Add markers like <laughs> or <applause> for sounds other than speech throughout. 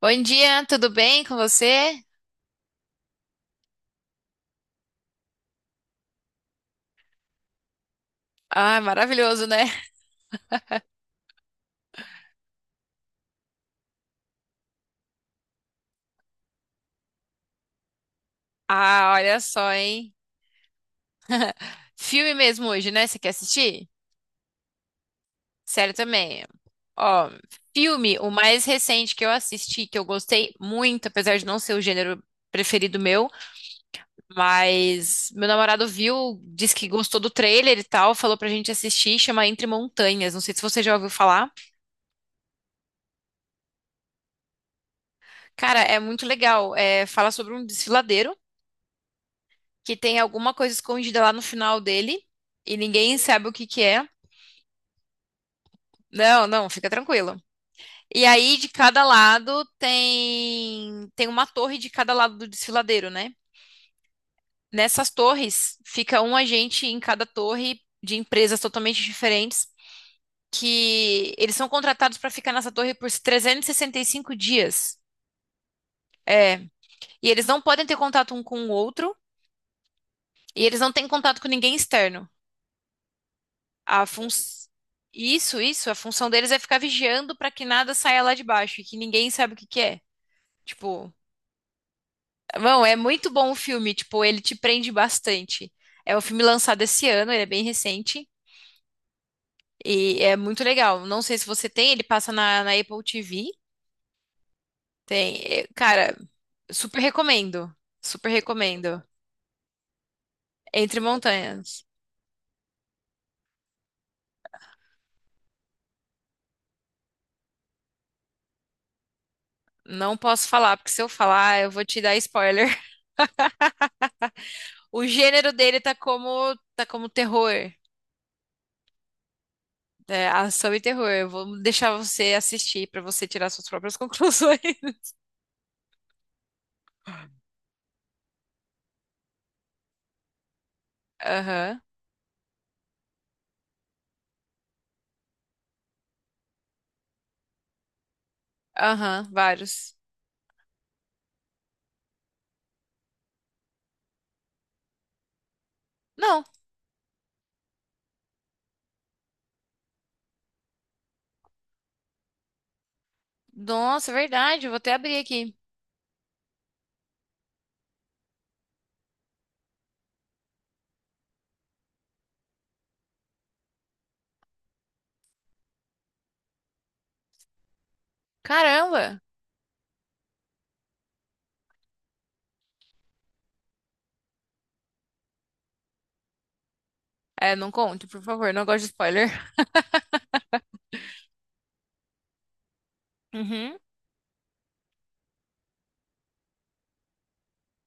Bom dia, tudo bem com você? Ah, maravilhoso, né? <laughs> Ah, olha só, hein? <laughs> Filme mesmo hoje, né? Você quer assistir? Sério também. Ó, filme, o mais recente que eu assisti, que eu gostei muito, apesar de não ser o gênero preferido meu, mas meu namorado viu, disse que gostou do trailer e tal, falou pra gente assistir, chama Entre Montanhas. Não sei se você já ouviu falar. Cara, é muito legal. É, fala sobre um desfiladeiro que tem alguma coisa escondida lá no final dele e ninguém sabe o que que é. Não, não, fica tranquilo. E aí de cada lado tem uma torre de cada lado do desfiladeiro, né? Nessas torres fica um agente em cada torre de empresas totalmente diferentes que eles são contratados para ficar nessa torre por 365 dias. É, e eles não podem ter contato um com o outro e eles não têm contato com ninguém externo. A fun... Isso, isso, a função deles é ficar vigiando pra que nada saia lá de baixo e que ninguém sabe o que que é. Tipo, bom, é muito bom o filme, tipo, ele te prende bastante. É um filme lançado esse ano, ele é bem recente e é muito legal. Não sei se você tem, ele passa na, na Apple TV. Tem. É, cara, super recomendo. Super recomendo. Entre Montanhas. Não posso falar, porque se eu falar, eu vou te dar spoiler. <laughs> O gênero dele tá como terror. É, ação e terror. Eu vou deixar você assistir pra você tirar suas próprias <laughs> conclusões. Aham, aham, vários. Não, nossa, é verdade, eu vou até abrir aqui. Caramba! É, não conto, por favor, não gosto de spoiler. Uhum.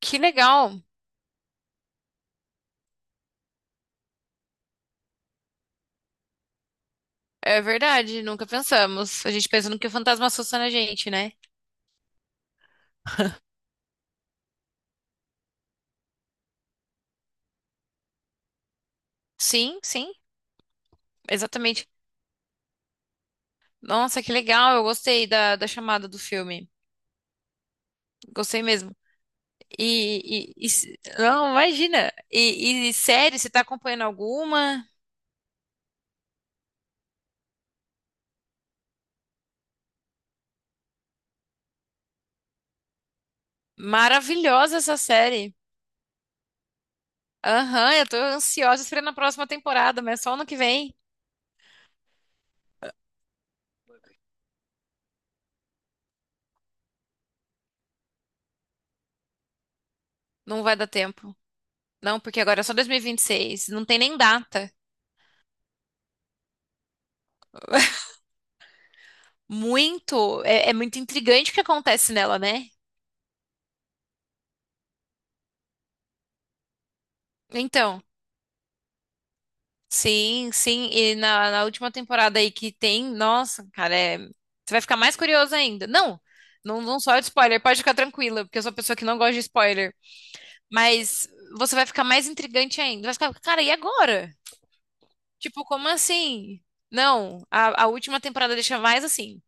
Que legal! É verdade, nunca pensamos. A gente pensa no que o fantasma assusta na gente, né? Sim, sim, exatamente. Nossa, que legal, eu gostei da, da chamada do filme. Gostei mesmo. Não, imagina. E série, você tá acompanhando alguma? Maravilhosa essa série. Aham, eu tô ansiosa esperando a próxima temporada, mas só ano que vem. Não vai dar tempo. Não, porque agora é só 2026. Não tem nem data. Muito, é, é muito intrigante o que acontece nela, né? Então, sim, sim. E na, na última temporada aí que tem, nossa, cara, é- você vai ficar mais curioso ainda. Não, não, não só de spoiler, pode ficar tranquila, porque eu sou uma pessoa que não gosta de spoiler. Mas você vai ficar mais intrigante ainda. Vai ficar, cara, e agora? Tipo, como assim? Não, a última temporada deixa mais assim.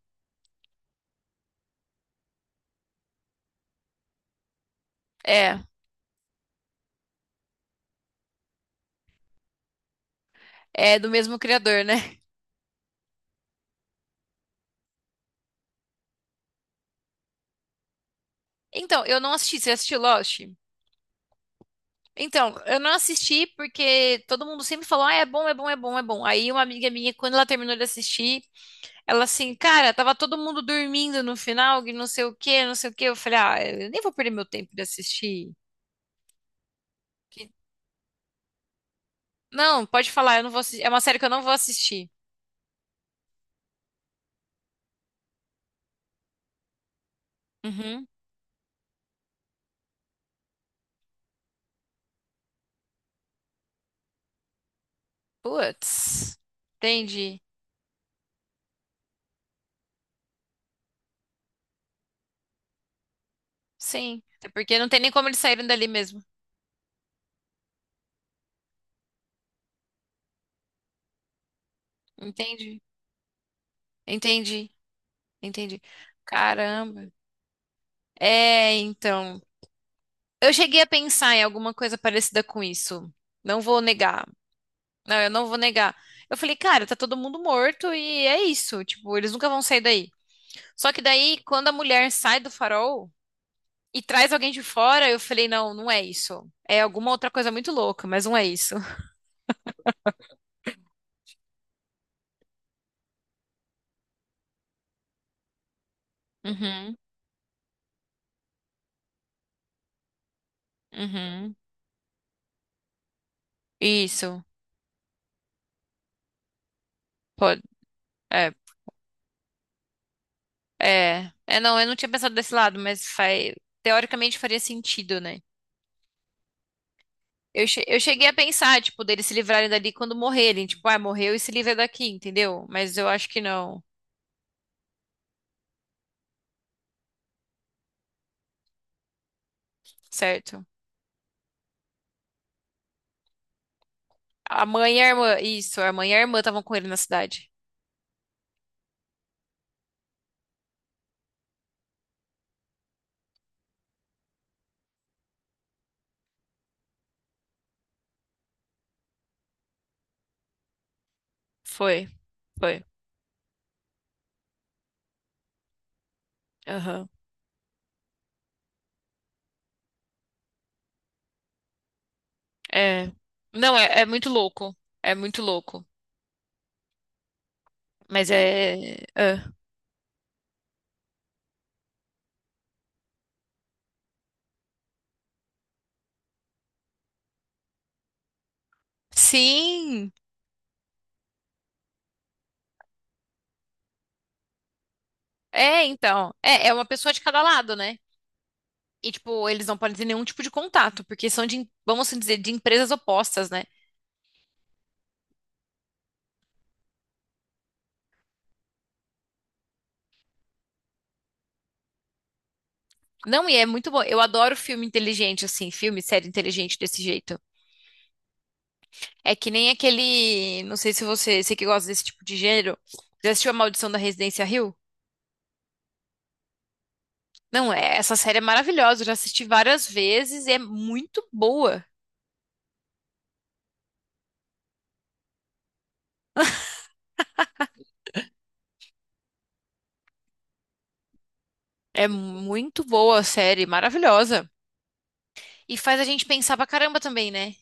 É, é do mesmo criador, né? Então, eu não assisti. Você assistiu Lost? Então, eu não assisti porque todo mundo sempre falou, ah, é bom, é bom, é bom, é bom. Aí uma amiga minha, quando ela terminou de assistir, ela assim, cara, tava todo mundo dormindo no final, que não sei o quê, não sei o quê. Eu falei, ah, eu nem vou perder meu tempo de assistir. Que- Não, pode falar, eu não vou assistir. É uma série que eu não vou assistir. Uhum. Putz, entendi. Sim, até porque não tem nem como eles saírem dali mesmo. Entendi, entendi, entendi. Caramba. É, então. Eu cheguei a pensar em alguma coisa parecida com isso. Não vou negar. Não, eu não vou negar. Eu falei, cara, tá todo mundo morto e é isso. Tipo, eles nunca vão sair daí. Só que daí, quando a mulher sai do farol e traz alguém de fora, eu falei, não, não é isso. É alguma outra coisa muito louca, mas não é isso. <laughs> Uhum, uhum. Isso. É, não, eu não tinha pensado desse lado, mas teoricamente faria sentido, né? Eu cheguei a pensar, tipo, deles se livrarem dali quando morrerem, tipo, ah, morreu e se livra daqui, entendeu? Mas eu acho que não, certo? A mãe e a irmã, isso, a mãe e a irmã estavam com ele na cidade. Foi, foi. Aham. É. Não, é muito louco, é muito louco. Mas é. Sim, é, então. É uma pessoa de cada lado, né? E, tipo, eles não podem ter nenhum tipo de contato, porque são vamos assim dizer, de empresas opostas, né? Não, e é muito bom. Eu adoro filme inteligente, assim, filme, série inteligente desse jeito. É que nem aquele. Não sei se você, você que gosta desse tipo de gênero, já assistiu A Maldição da Residência Hill? Não, é, essa série é maravilhosa, eu já assisti várias vezes e é muito boa. É muito boa a série, maravilhosa. E faz a gente pensar pra caramba também, né?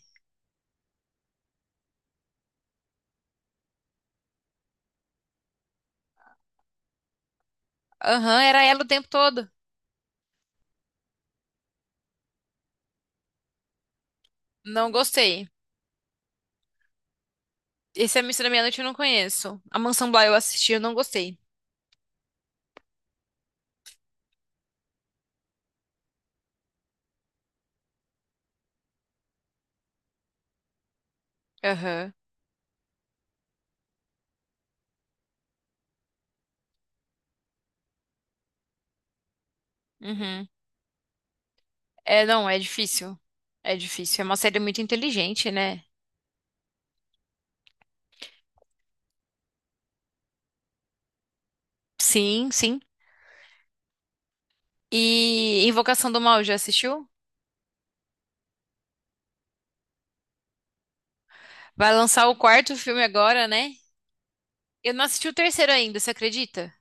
Aham, era ela o tempo todo. Não gostei. Esse A Missa da Meia-Noite eu não conheço. A Mansão Bly eu assisti, eu não gostei. Aham. Uhum. É, não, é difícil. É difícil. É uma série muito inteligente, né? Sim, sim. E Invocação do Mal, já assistiu? Vai lançar o quarto filme agora, né? Eu não assisti o terceiro ainda, você acredita?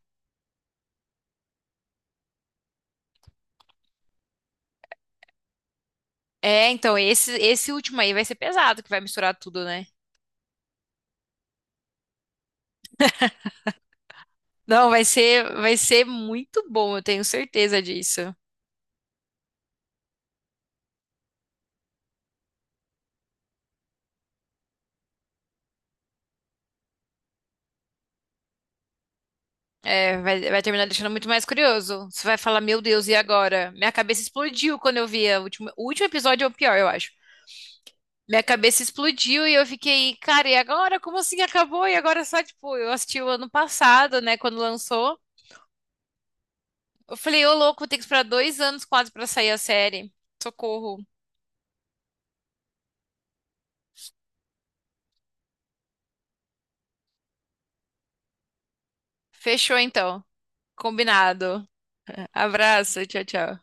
É, então, esse último aí vai ser pesado, que vai misturar tudo, né? Não, vai ser muito bom, eu tenho certeza disso. É, vai terminar deixando muito mais curioso. Você vai falar, meu Deus, e agora? Minha cabeça explodiu quando eu vi a o último episódio, é o pior, eu acho. Minha cabeça explodiu e eu fiquei, cara, e agora? Como assim acabou? E agora só, tipo, eu assisti o ano passado, né, quando lançou. Eu falei, ô louco, tem que esperar dois anos quase pra sair a série. Socorro. Fechou então. Combinado. Abraço, tchau, tchau.